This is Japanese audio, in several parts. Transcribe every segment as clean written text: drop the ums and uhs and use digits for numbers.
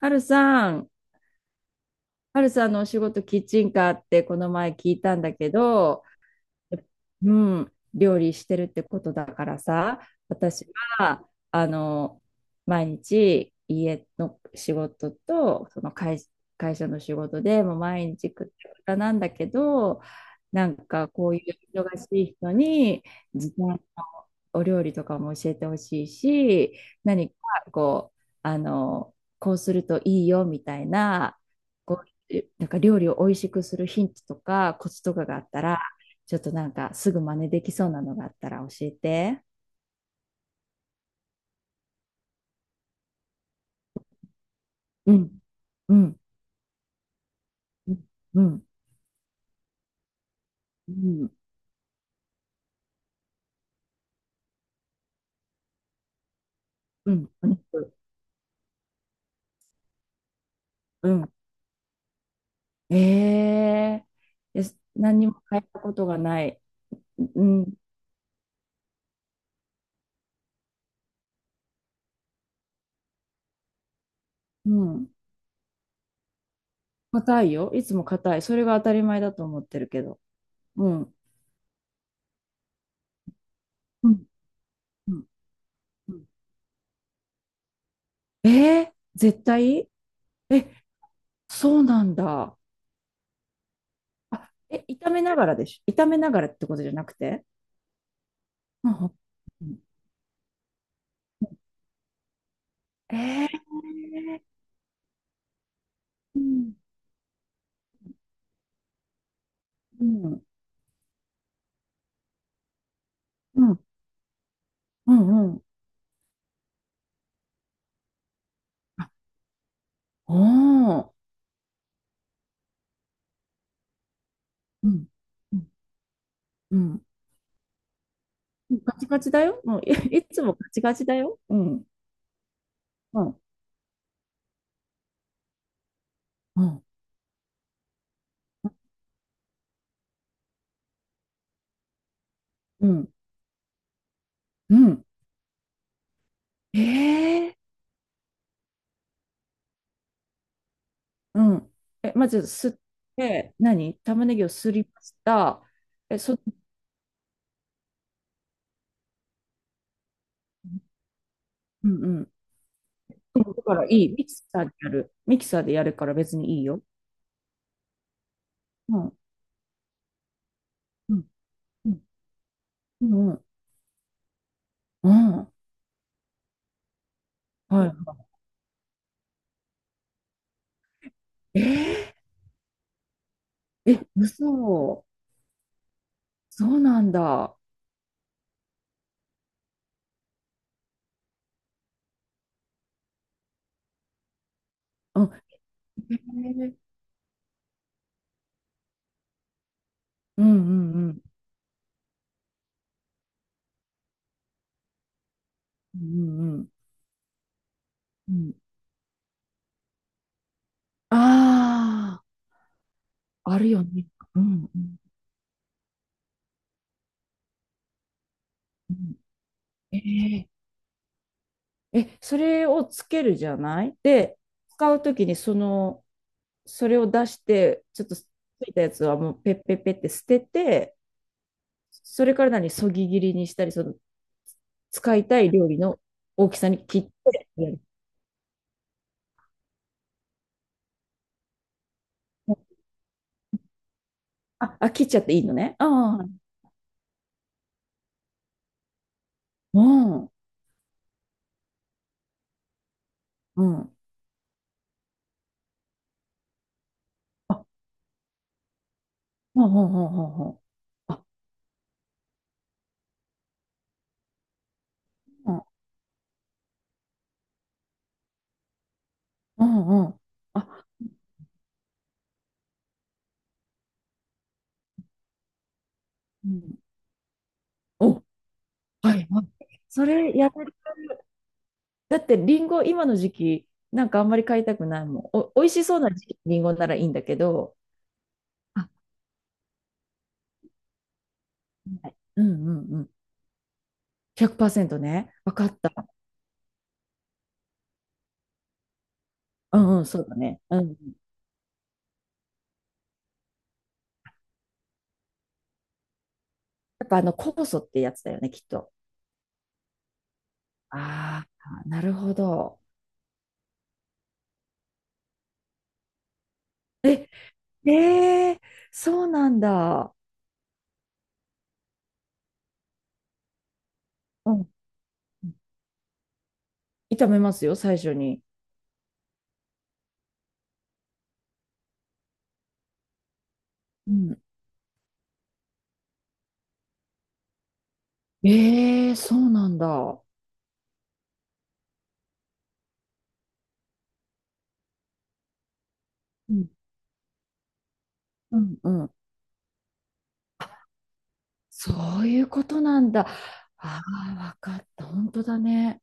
はるさん、はるさんのお仕事キッチンカーってこの前聞いたんだけど、うん、料理してるってことだからさ、私は、あの、毎日家の仕事と、会社の仕事でもう毎日くったくたなんだけど、なんかこういう忙しい人に、時短のお料理とかも教えてほしいし、何かこう、あの、こうするといいよみたいな、こなんか料理を美味しくするヒントとかコツとかがあったら、ちょっとなんかすぐ真似できそうなのがあったら教えて。うん、うん、うん、うん、うん、うん、お肉。うん。ええー、いや何にも変えたことがない。うん、うん。硬いよ。いつも硬い。それが当たり前だと思ってるけど。うん。うん、うん、うん。ええー、絶対、え、そうなんだ。あ、え、炒めながらでしょ。炒めながらってことじゃなくて。うんうん、ええー、うんうん、うん、うん、うん。あ、おー。うん、うん、うん。ガチガチだよ。もう、いつもガチガチだよ。うん、うん、うん、うん、うん。ええ、うん。え、まず、て、何、玉ねぎをすりました。うんうん。うんだからいい。ミキサーでやる。ミキサーでやるから別にいいよ。うん、うん、うん、うん、うん。うん、はい。えー、え、嘘。そうなんだ。うん、へえ、うんうんうん。うんうんうん。ああ、あるよね。うんうんうん。ええ、え、それをつけるじゃないで、使うときにその、それを出して、ちょっとついたやつはもうペッペッペッって捨てて、それから何、そぎ切りにしたり、その、使いたい料理の大きさに切ってやる。あ、あ、切っちゃっていいのね。ああ、うん、うん。あ、ほうほうほうほうほう。あ、うんうん。あ、うん。お、はい。はい。それやる。だってリンゴ今の時期、なんかあんまり買いたくないもん。お、美味しそうな時期リンゴならいいんだけど、あ、はい、うんうんうん。100%ね。わかった。うんうん、そうだね。うんうん。やっぱあの酵素ってやつだよね、きっと。ああ、なるほど。ええ、そうなんだ。うん。炒めますよ、最初に。うん。ええ、そうなんだ。うん。うんうん。そういうことなんだ。ああ、わかった。本当だね。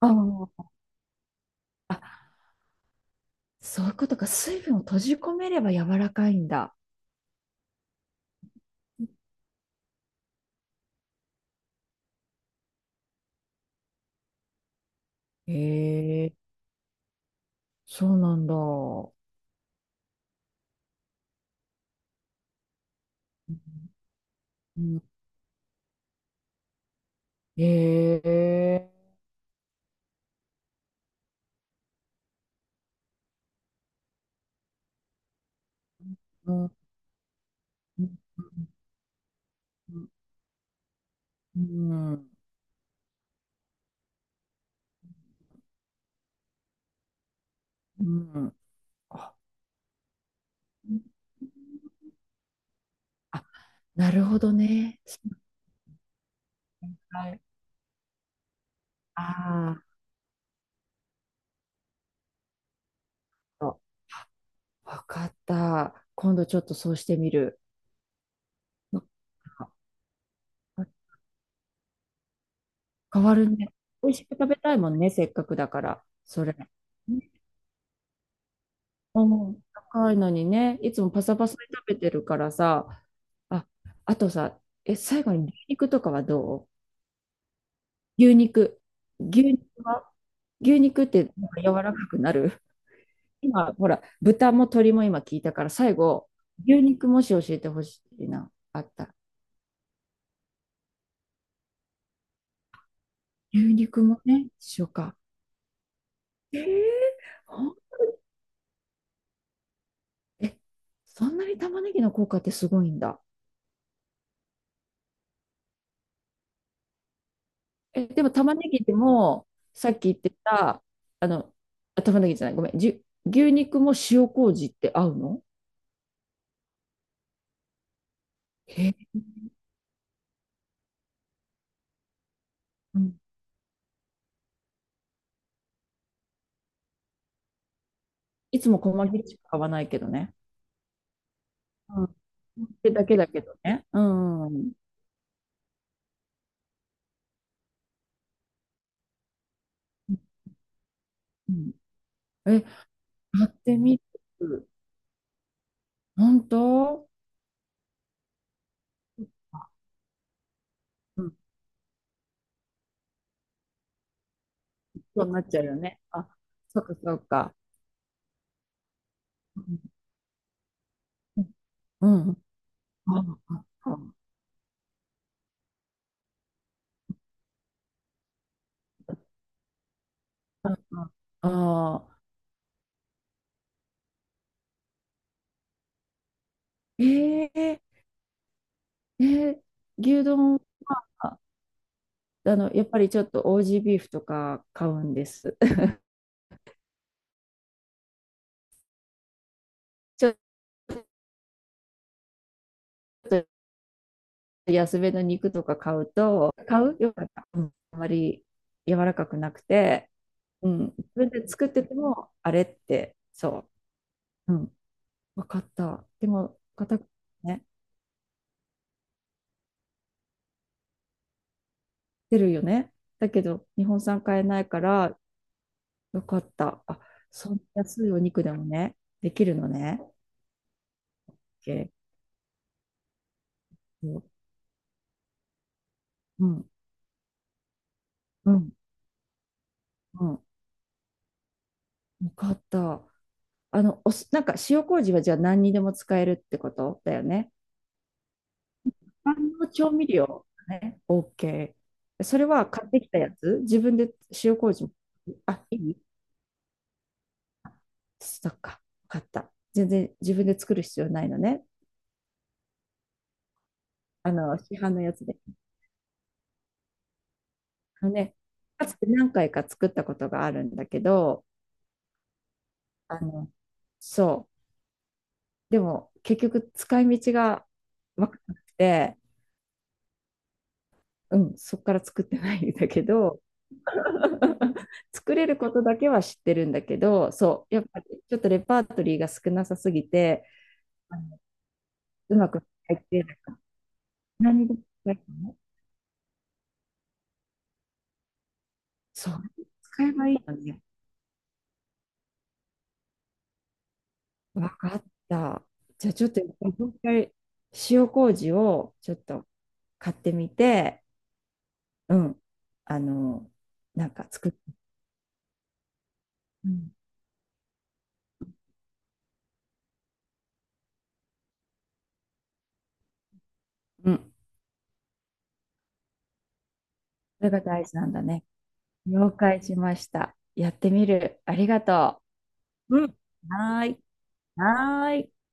ああ、そういうことか。水分を閉じ込めれば柔らかいんだ。へえ、そうなんだ。うん、へえ、うん、うん、うん、うん、うん、あ、あ、なるほどね。はい。ああ、わかった。今度ちょっとそうしてみる。変わるね。美味しく食べたいもんね、せっかくだから、それ。ね、うん、高いのにね、いつもパサパサで食べてるからさ、あ、あとさ、え、最後に牛肉とかはどう、牛肉。牛肉は、牛肉ってなんか柔らかくなる。今、ほら、豚も鶏も今聞いたから、最後、牛肉もし教えてほしいな、あった。牛肉もね、一緒か。えー、ほんえ、そんなに玉ねぎの効果ってすごいんだ。え、でも玉ねぎでも、さっき言ってた、あの、あ、玉ねぎじゃない、ごめん、牛肉も塩麹って合うの。へえ、うん。いつも細切りしか買わないけどね。うん。ってだけだけどね。うん。うん。え、買ってみる。本当、あ、うん。そうなっちゃうよね。あ、そっかそっか。うん。うん。ああ、ああ、ああ、ええ、えー、牛丼、あの、やっぱりちょっとオージービーフとか買うんです。ちょっと安めの肉とか買うと、買う、よかった。うん、あまり柔らかくなくて、うん、自分で作ってても、あれって、そう、うん、分かった。でも、硬くね、出るよね。だけど、日本産買えないから、よかった。あ、そんな安いお肉でもね、できるのね。OK、 うん、うん、うん、よかった。あの、お酢なんか、塩麹はじゃあ何にでも使えるってことだよね。万能調味料ね、OK。それは買ってきたやつ、自分で、塩麹も。あ、いい、そっか、わかった。全然自分で作る必要ないのね。あの、市販のやつで。あのね、かつて何回か作ったことがあるんだけど、あの、そう。でも、結局使い道が分からなくて、うん、そっから作ってないんだけど、作れることだけは知ってるんだけど、そう、やっぱりちょっとレパートリーが少なさすぎて、あの、うまく入ってないから、何で使えばいいの。そう、使えばいいのね。わかった。じゃあちょっと、もう一回、塩麹をちょっと買ってみて、うん、あの、なんか作って、うん、うん、それが大事なんだね。了解しました。やってみる。ありがとう。うん。はーい。はーい。